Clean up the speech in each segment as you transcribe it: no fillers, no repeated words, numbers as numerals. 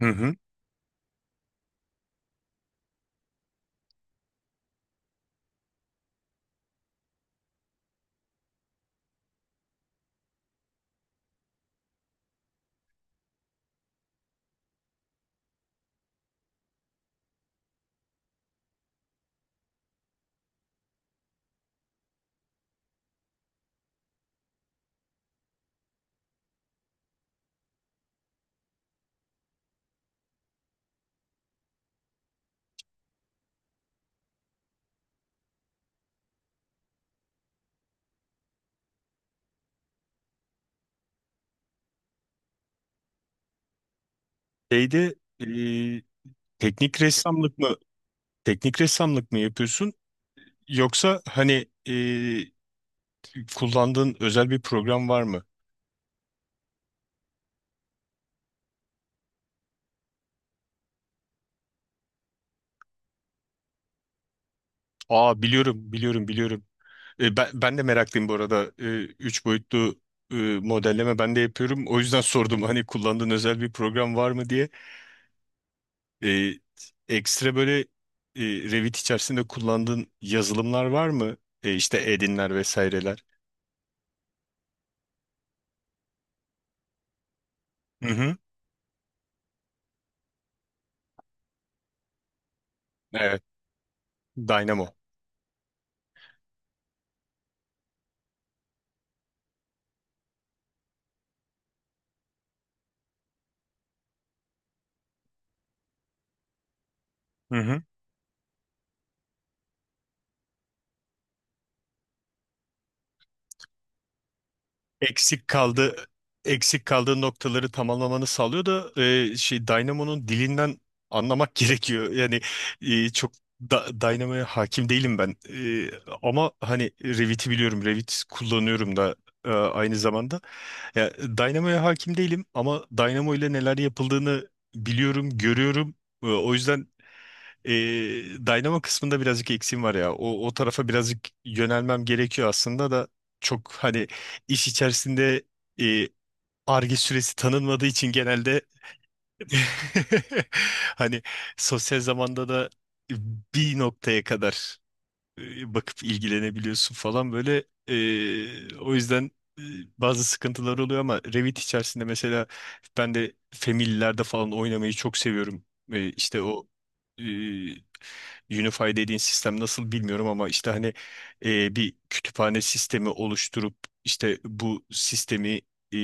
Hı hı. Şeyde e, teknik ressamlık mı teknik ressamlık mı yapıyorsun yoksa kullandığın özel bir program var mı? Aa, biliyorum. Ben de meraklıyım bu arada. Üç boyutlu e, modelleme ben de yapıyorum. O yüzden sordum hani kullandığın özel bir program var mı diye. E, Ekstra Revit içerisinde kullandığın yazılımlar var mı? İşte Edinler vesaireler. Hı hı. Evet. Dynamo. eksik kaldı Eksik kaldığı noktaları tamamlamanı sağlıyor da şey, Dynamo'nun dilinden anlamak gerekiyor. Çok da Dynamo'ya hakim değilim ben. Ama hani Revit'i biliyorum. Revit kullanıyorum da aynı zamanda. Ya, Dynamo'ya hakim değilim ama Dynamo ile neler yapıldığını biliyorum, görüyorum. E, o yüzden ee, Dynamo kısmında birazcık eksiğim var ya. O tarafa birazcık yönelmem gerekiyor aslında da çok hani iş içerisinde e, Ar-Ge süresi tanınmadığı için genelde hani sosyal zamanda da bir noktaya kadar bakıp ilgilenebiliyorsun falan böyle. E, Bazı sıkıntılar oluyor ama Revit içerisinde mesela ben de Family'lerde falan oynamayı çok seviyorum. E, işte o e, Unify dediğin sistem nasıl bilmiyorum ama bir kütüphane sistemi oluşturup işte bu sistemi e,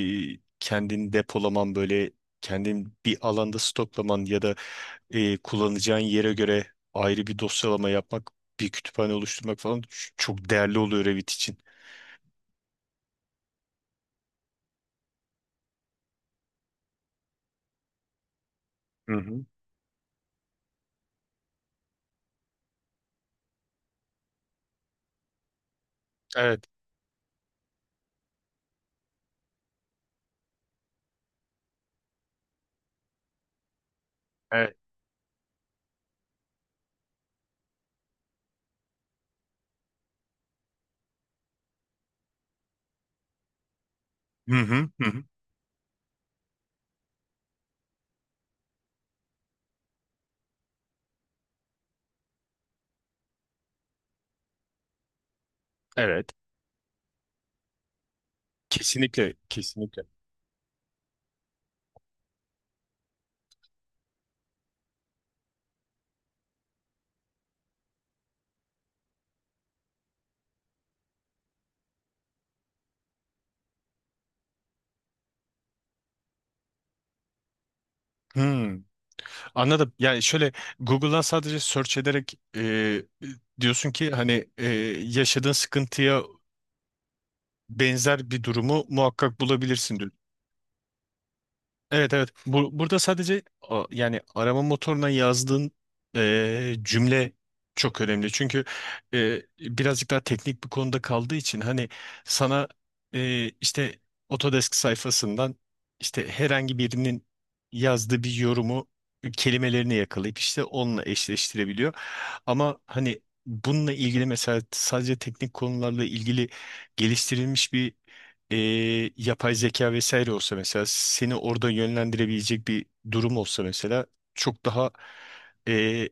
kendin depolaman, böyle kendin bir alanda stoklaman ya da kullanacağın yere göre ayrı bir dosyalama yapmak, bir kütüphane oluşturmak falan çok değerli oluyor Revit için. Hı hı. Evet, evet. Hı hı, hı hı. Evet. Kesinlikle, kesinlikle. Hmm, anladım. Yani şöyle, Google'dan sadece search ederek, diyorsun ki yaşadığın sıkıntıya benzer bir durumu muhakkak bulabilirsin. Evet, evet. Burada yani arama motoruna yazdığın cümle çok önemli. Çünkü birazcık daha teknik bir konuda kaldığı için hani sana işte Autodesk sayfasından, işte herhangi birinin yazdığı bir yorumu, kelimelerini yakalayıp işte onunla eşleştirebiliyor. Ama hani bununla ilgili mesela sadece teknik konularla ilgili geliştirilmiş bir e, yapay zeka vesaire olsa, mesela seni orada yönlendirebilecek bir durum olsa, mesela çok daha e,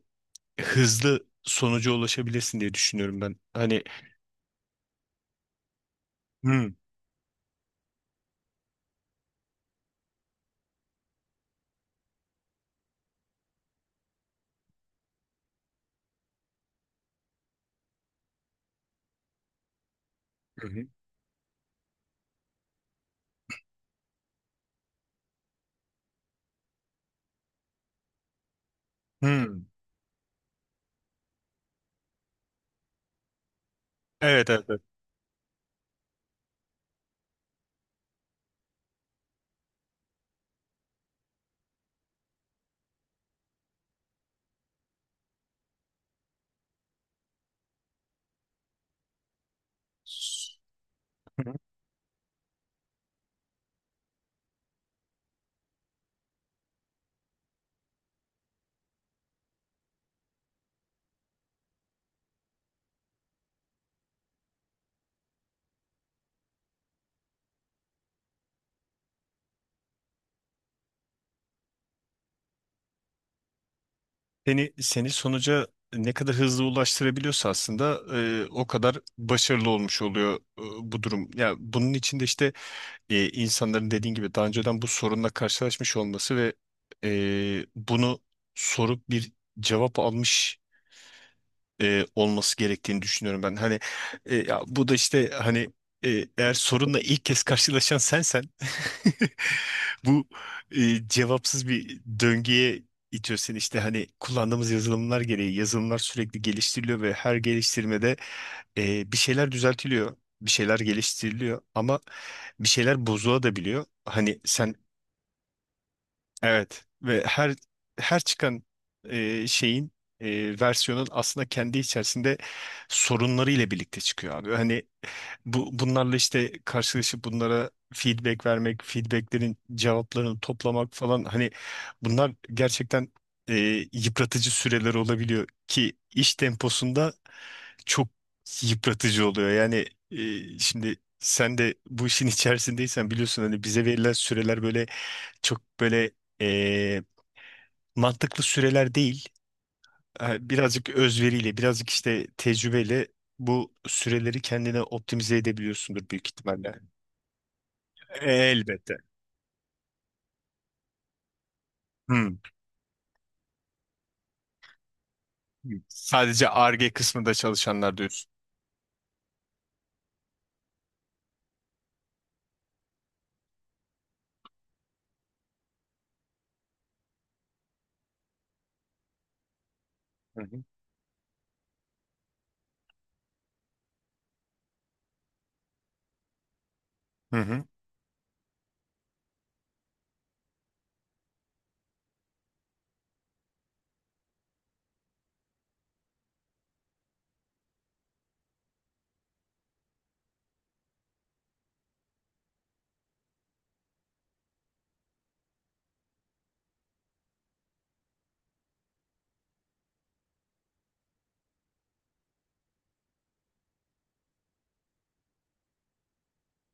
hızlı sonuca ulaşabilirsin diye düşünüyorum ben. Hani. Hmm. Hı hı. Hmm. Evet, evet. Evet. Hı hı. Seni sonuca ne kadar hızlı ulaştırabiliyorsa aslında o kadar başarılı olmuş oluyor, bu durum. Ya, bunun içinde insanların dediğin gibi daha önceden bu sorunla karşılaşmış olması ve bunu sorup bir cevap almış olması gerektiğini düşünüyorum ben. Hani ya, bu da işte hani eğer sorunla ilk kez karşılaşan sensen, bu cevapsız bir döngüye itiyor seni. İşte hani kullandığımız yazılımlar gereği, yazılımlar sürekli geliştiriliyor ve her geliştirmede bir şeyler düzeltiliyor, bir şeyler geliştiriliyor ama bir şeyler bozulabiliyor. Hani sen, evet, ve her çıkan e, şeyin versiyonun aslında kendi içerisinde sorunları ile birlikte çıkıyor abi. Hani bunlarla işte karşılaşıp bunlara feedback vermek, feedbacklerin cevaplarını toplamak falan, hani bunlar gerçekten e, yıpratıcı süreler olabiliyor ki iş temposunda çok yıpratıcı oluyor. Şimdi sen de bu işin içerisindeysen biliyorsun, hani bize verilen süreler böyle çok böyle e, mantıklı süreler değil. Ha, birazcık özveriyle, birazcık işte tecrübeyle bu süreleri kendine optimize edebiliyorsundur büyük ihtimalle. Elbette. Hmm. Sadece Ar-Ge kısmında çalışanlar diyorsun. Hı hı. Hı hı.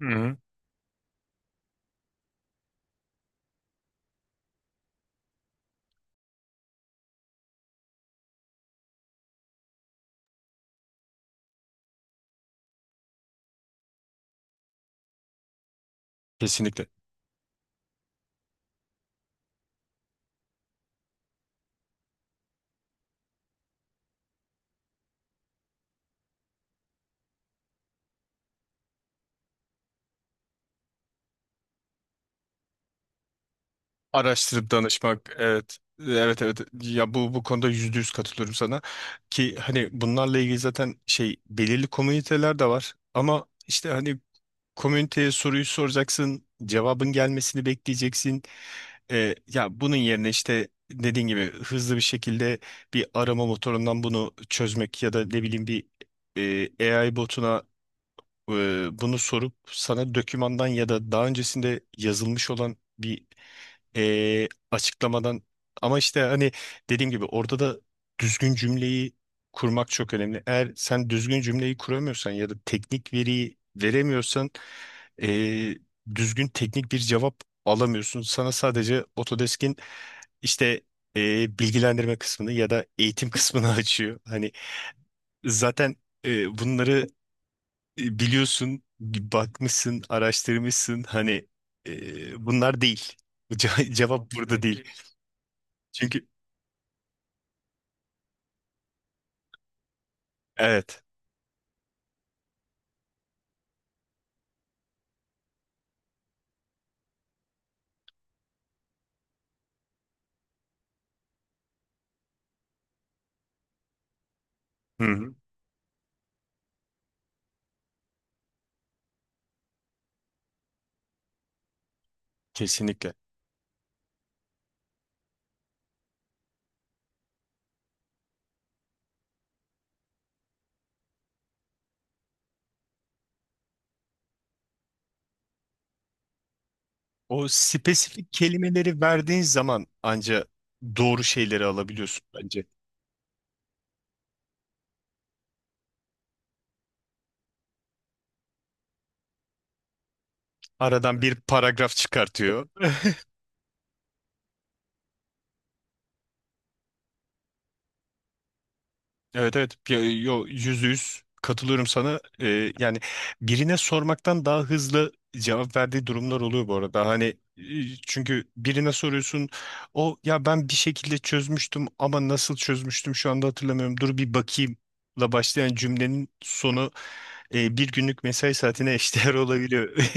Hı hı. Kesinlikle. Araştırıp danışmak, evet. Evet, evet, ya bu konuda yüzde yüz katılıyorum sana, ki hani bunlarla ilgili zaten şey, belirli komüniteler de var ama işte hani, komüniteye soruyu soracaksın, cevabın gelmesini bekleyeceksin. Ya, bunun yerine işte dediğin gibi hızlı bir şekilde bir arama motorundan bunu çözmek ya da ne bileyim bir AI botuna e, bunu sorup sana dokümandan ya da daha öncesinde yazılmış olan bir açıklamadan, ama işte hani dediğim gibi orada da düzgün cümleyi kurmak çok önemli. Eğer sen düzgün cümleyi kuramıyorsan ya da teknik veriyi veremiyorsan e, düzgün teknik bir cevap alamıyorsun. Sana sadece Autodesk'in işte bilgilendirme kısmını ya da eğitim kısmını açıyor. Hani zaten bunları biliyorsun, bakmışsın, araştırmışsın. Hani bunlar değil. Cevap burada değil. Değil. Çünkü evet. Hı-hı. Kesinlikle. O spesifik kelimeleri verdiğin zaman anca doğru şeyleri alabiliyorsun bence. Aradan bir paragraf çıkartıyor. Evet, evet. Pi- yo Yüzde yüz katılıyorum sana. Yani birine sormaktan daha hızlı cevap verdiği durumlar oluyor bu arada, hani e, çünkü birine soruyorsun, o ya, ben bir şekilde çözmüştüm ama nasıl çözmüştüm şu anda hatırlamıyorum, dur bir bakayım la başlayan cümlenin sonu bir günlük mesai saatine eşdeğer olabiliyor.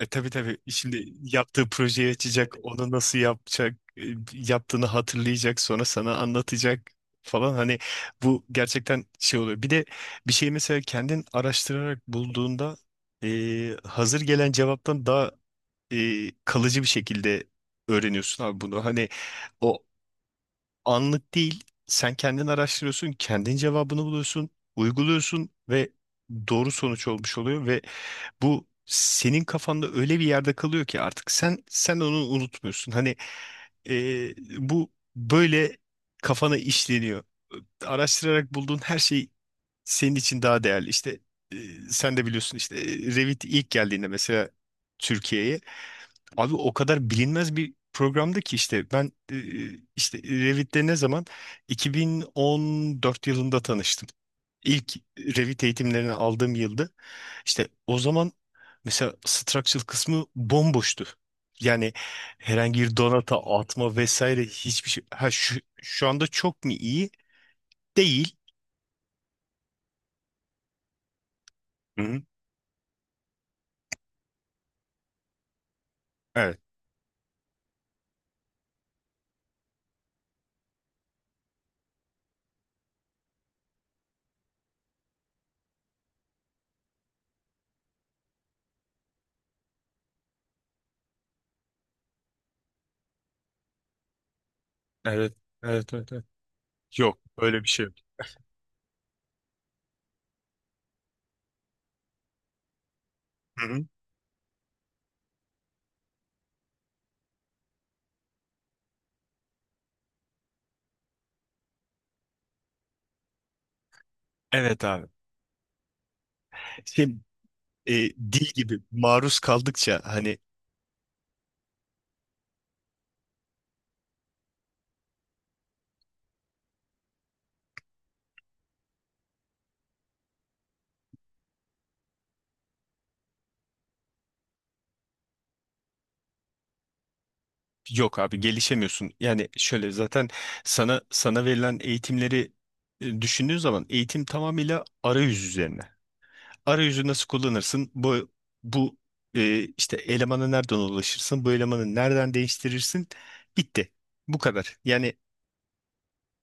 E, tabii, tabii. Şimdi yaptığı projeyi açacak, onu nasıl yapacak, yaptığını hatırlayacak, sonra sana anlatacak falan. Hani bu gerçekten şey oluyor. Bir de bir şeyi mesela kendin araştırarak bulduğunda hazır gelen cevaptan daha kalıcı bir şekilde öğreniyorsun abi bunu. Hani o anlık değil, sen kendin araştırıyorsun, kendin cevabını buluyorsun, uyguluyorsun ve doğru sonuç olmuş oluyor ve bu senin kafanda öyle bir yerde kalıyor ki artık sen onu unutmuyorsun. Hani e, bu böyle kafana işleniyor. Araştırarak bulduğun her şey senin için daha değerli. İşte e, sen de biliyorsun, işte Revit ilk geldiğinde mesela Türkiye'ye, abi o kadar bilinmez bir programdı ki işte ben işte Revit'le ne zaman, 2014 yılında tanıştım. İlk Revit eğitimlerini aldığım yılda, işte o zaman mesela structural kısmı bomboştu. Yani herhangi bir donata atma vesaire, hiçbir şey. Ha şu, şu anda çok mu iyi? Değil. Hı-hı. Evet. Evet. Evet. Evet. Evet. Yok. Öyle bir şey yok. Hı-hı. Evet abi. Şimdi e, dil gibi maruz kaldıkça hani, yok abi, gelişemiyorsun. Yani şöyle zaten sana verilen eğitimleri düşündüğün zaman, eğitim tamamıyla arayüz üzerine. Arayüzü nasıl kullanırsın? Bu işte elemana nereden ulaşırsın? Bu elemanı nereden değiştirirsin? Bitti. Bu kadar. Yani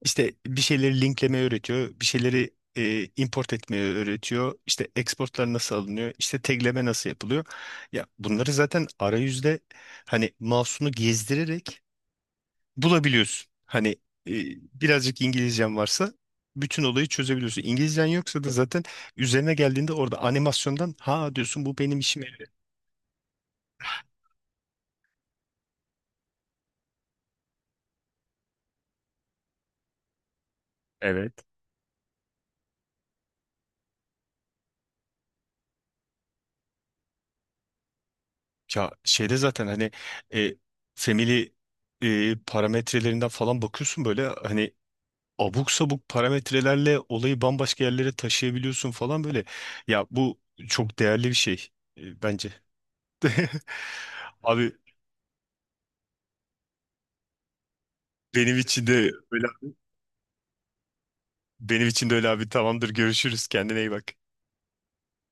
işte bir şeyleri linklemeyi öğretiyor. Bir şeyleri import etmeyi öğretiyor. İşte exportlar nasıl alınıyor? İşte tagleme nasıl yapılıyor? Ya bunları zaten arayüzde hani mouse'unu gezdirerek bulabiliyorsun. Hani e, birazcık İngilizcen varsa bütün olayı çözebiliyorsun. İngilizcen yoksa da zaten üzerine geldiğinde orada animasyondan, ha, diyorsun, bu benim işime yarıyor. Evet. Ya şeyde zaten e, family parametrelerinden falan bakıyorsun, böyle hani abuk sabuk parametrelerle olayı bambaşka yerlere taşıyabiliyorsun falan böyle. Ya bu çok değerli bir şey bence. Abi, benim için de öyle, benim için de öyle abi, tamamdır, görüşürüz, kendine iyi bak.